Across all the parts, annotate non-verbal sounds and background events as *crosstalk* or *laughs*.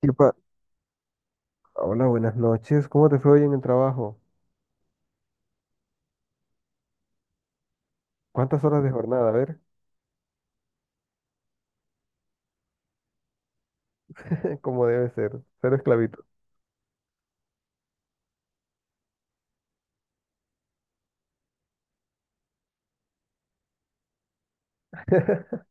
Tipa, hola, buenas noches. ¿Cómo te fue hoy en el trabajo? ¿Cuántas horas de jornada? A ver, *laughs* cómo debe ser. Cero esclavito. *laughs*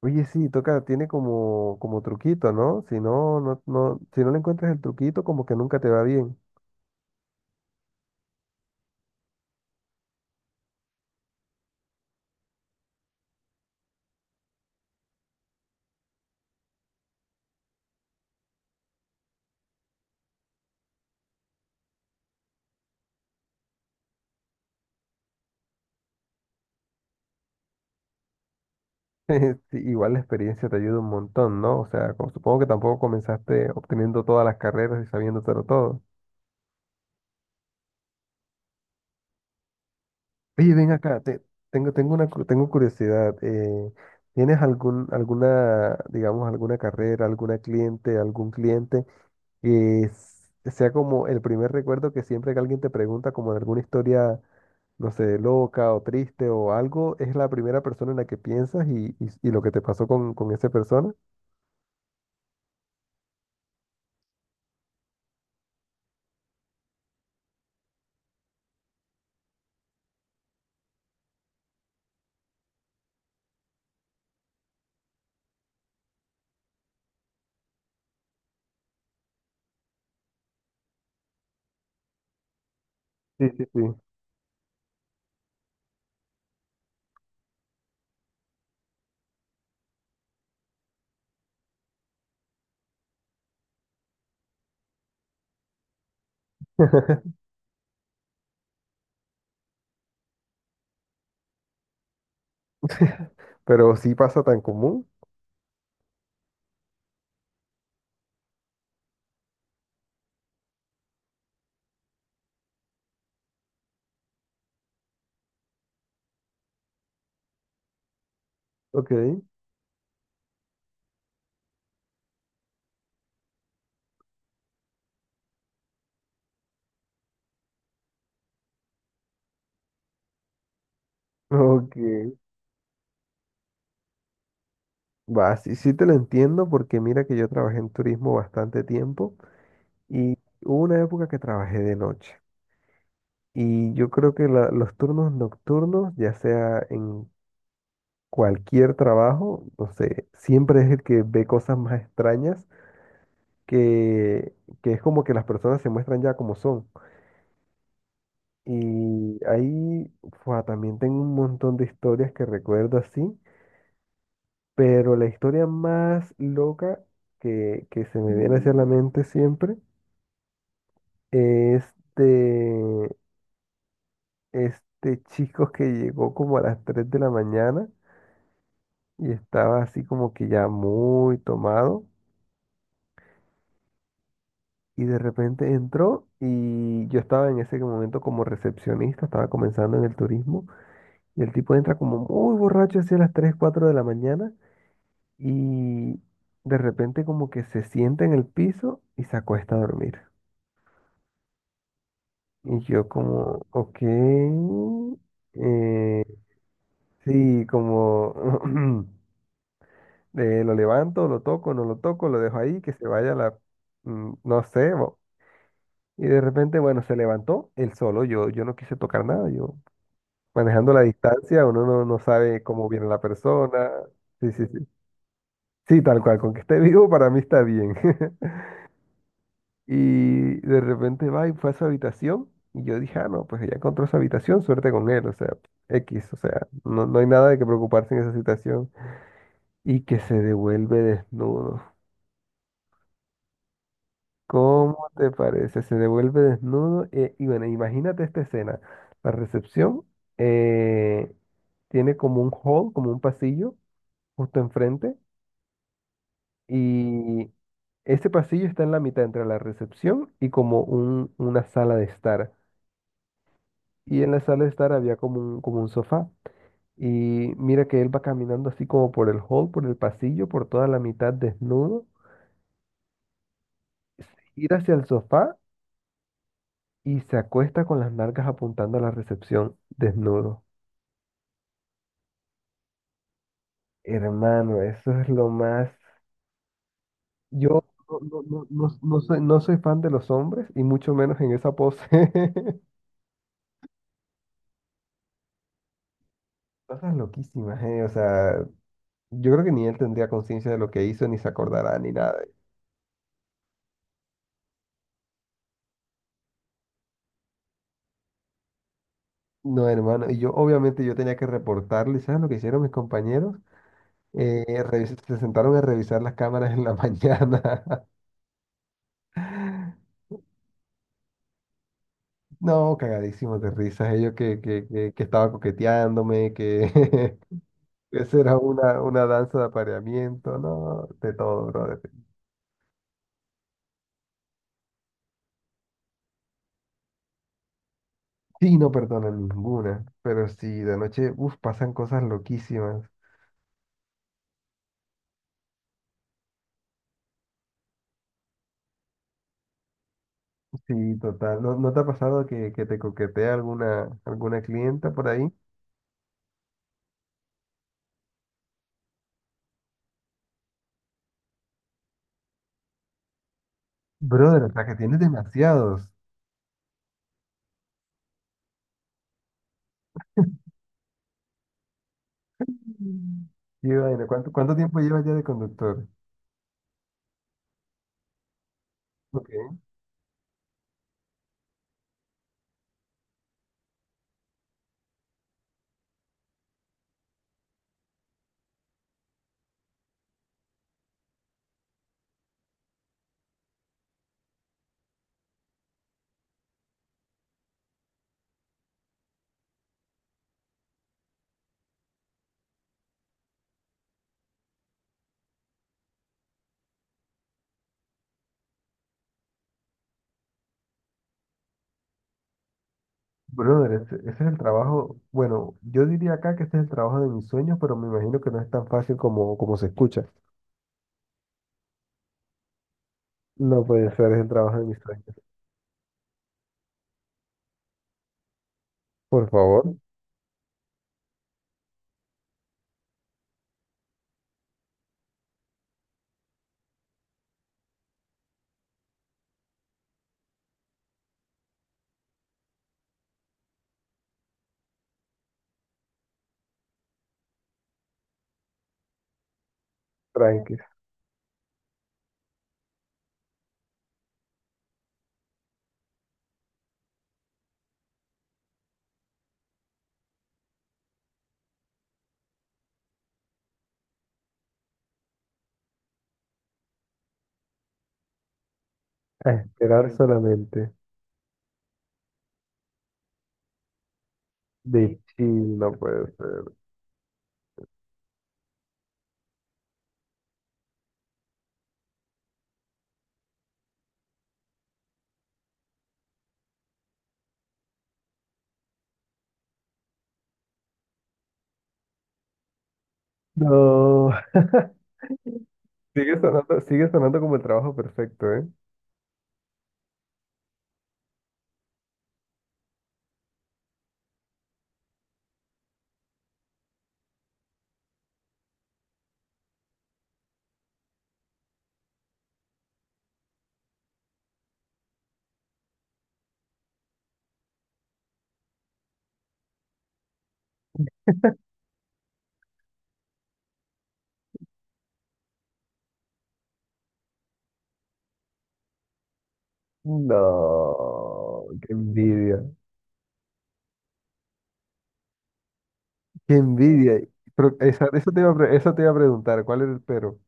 Oye, sí, toca, tiene como, como truquito, ¿no? Si no, si no le encuentras el truquito, como que nunca te va bien. *laughs* Sí, igual la experiencia te ayuda un montón, ¿no? O sea, supongo que tampoco comenzaste obteniendo todas las carreras y sabiéndotelo todo. Oye, ven acá, tengo una, tengo curiosidad. ¿Tienes algún, alguna, digamos, alguna carrera, alguna cliente, algún cliente que sea como el primer recuerdo, que siempre que alguien te pregunta como de alguna historia, no sé, loca o triste o algo, es la primera persona en la que piensas? ¿Y lo que te pasó con esa persona? Sí, sí, sí. *laughs* Pero sí pasa tan común. Ok, ok. Va, sí, sí te lo entiendo, porque mira que yo trabajé en turismo bastante tiempo. Y hubo una época que trabajé de noche. Y yo creo que los turnos nocturnos, ya sea en cualquier trabajo, no sé, siempre es el que ve cosas más extrañas, que, que es como que las personas se muestran ya como son. Y ahí fua, también tengo un montón de historias que recuerdo así, pero la historia más loca que se me viene hacia la mente siempre es este chico que llegó como a las 3 de la mañana y estaba así como que ya muy tomado, y de repente entró, y yo estaba en ese momento como recepcionista, estaba comenzando en el turismo, y el tipo entra como muy borracho hacia las 3 4 de la mañana, y de repente como que se sienta en el piso y se acuesta a dormir. Y yo como, ok, eh, sí, como... *clears throat* lo levanto, lo toco, no lo toco, lo dejo ahí, que se vaya la, mm, no sé, y de repente, bueno, se levantó él solo, yo no quise tocar nada, yo manejando la distancia, uno no, no sabe cómo viene la persona. Sí, sí, sí, sí, tal cual, con que esté *laughs* vivo para mí está bien. *laughs* Y de repente va y fue a su habitación, y yo dije, ah, no, pues ella encontró su habitación, suerte con él, o sea, X, o sea, no, no hay nada de que preocuparse en esa situación, y que se devuelve desnudo. ¿Cómo te parece? Se devuelve desnudo, y bueno, imagínate esta escena. La recepción, eh, tiene como un hall, como un pasillo justo enfrente, y ese pasillo está en la mitad entre la recepción y como una sala de estar. Y en la sala de estar había como un sofá. Y mira que él va caminando así como por el hall, por el pasillo, por toda la mitad desnudo, se gira hacia el sofá y se acuesta con las nalgas apuntando a la recepción, desnudo. Hermano, eso es lo más... Yo no, no, no soy, no soy fan de los hombres, y mucho menos en esa pose. *laughs* Cosas loquísimas, ¿eh? O sea, yo creo que ni él tendría conciencia de lo que hizo, ni se acordará, ni nada. No, hermano, y yo obviamente yo tenía que reportarle. ¿Sabes lo que hicieron mis compañeros? Se sentaron a revisar las cámaras en la *laughs* mañana. No, cagadísimos de risas, ellos que, que estaba coqueteándome, que... *laughs* Esa era una danza de apareamiento, ¿no? De todo, brother. Sí, no perdonan ninguna, pero sí, de noche, uff, pasan cosas loquísimas. Sí, total. ¿No, no te ha pasado que te coquetea alguna, alguna clienta por ahí? Brother, hasta que tienes demasiados. Mm. Qué vaina. ¿Cuánto, cuánto tiempo llevas ya de conductor? Ok. Brother, ese es el trabajo, bueno, yo diría acá que este es el trabajo de mis sueños, pero me imagino que no es tan fácil como, como se escucha. No puede ser, es el trabajo de mis sueños. Por favor. Tranquis, a esperar solamente. De Sí. chill, no puede ser. No. *laughs* Sigue sonando como el trabajo perfecto, ¿eh? No, qué envidia, qué envidia. Pero eso te iba a, eso te iba a preguntar, ¿cuál era el pero?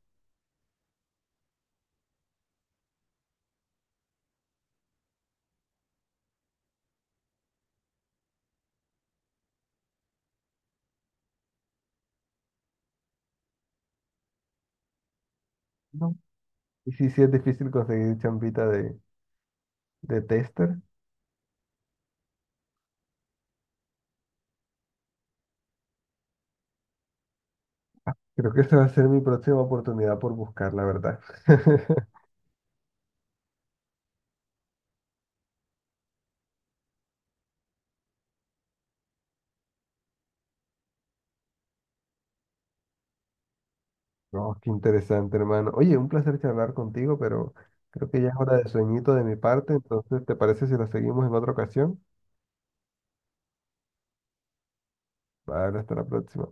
No. Y sí, sí es difícil conseguir champita de tester. Creo que esa va a ser mi próxima oportunidad por buscar, la verdad. *laughs* No, qué interesante, hermano. Oye, un placer charlar contigo, pero creo que ya es hora de sueñito de mi parte, entonces, ¿te parece si lo seguimos en otra ocasión? Vale, hasta la próxima.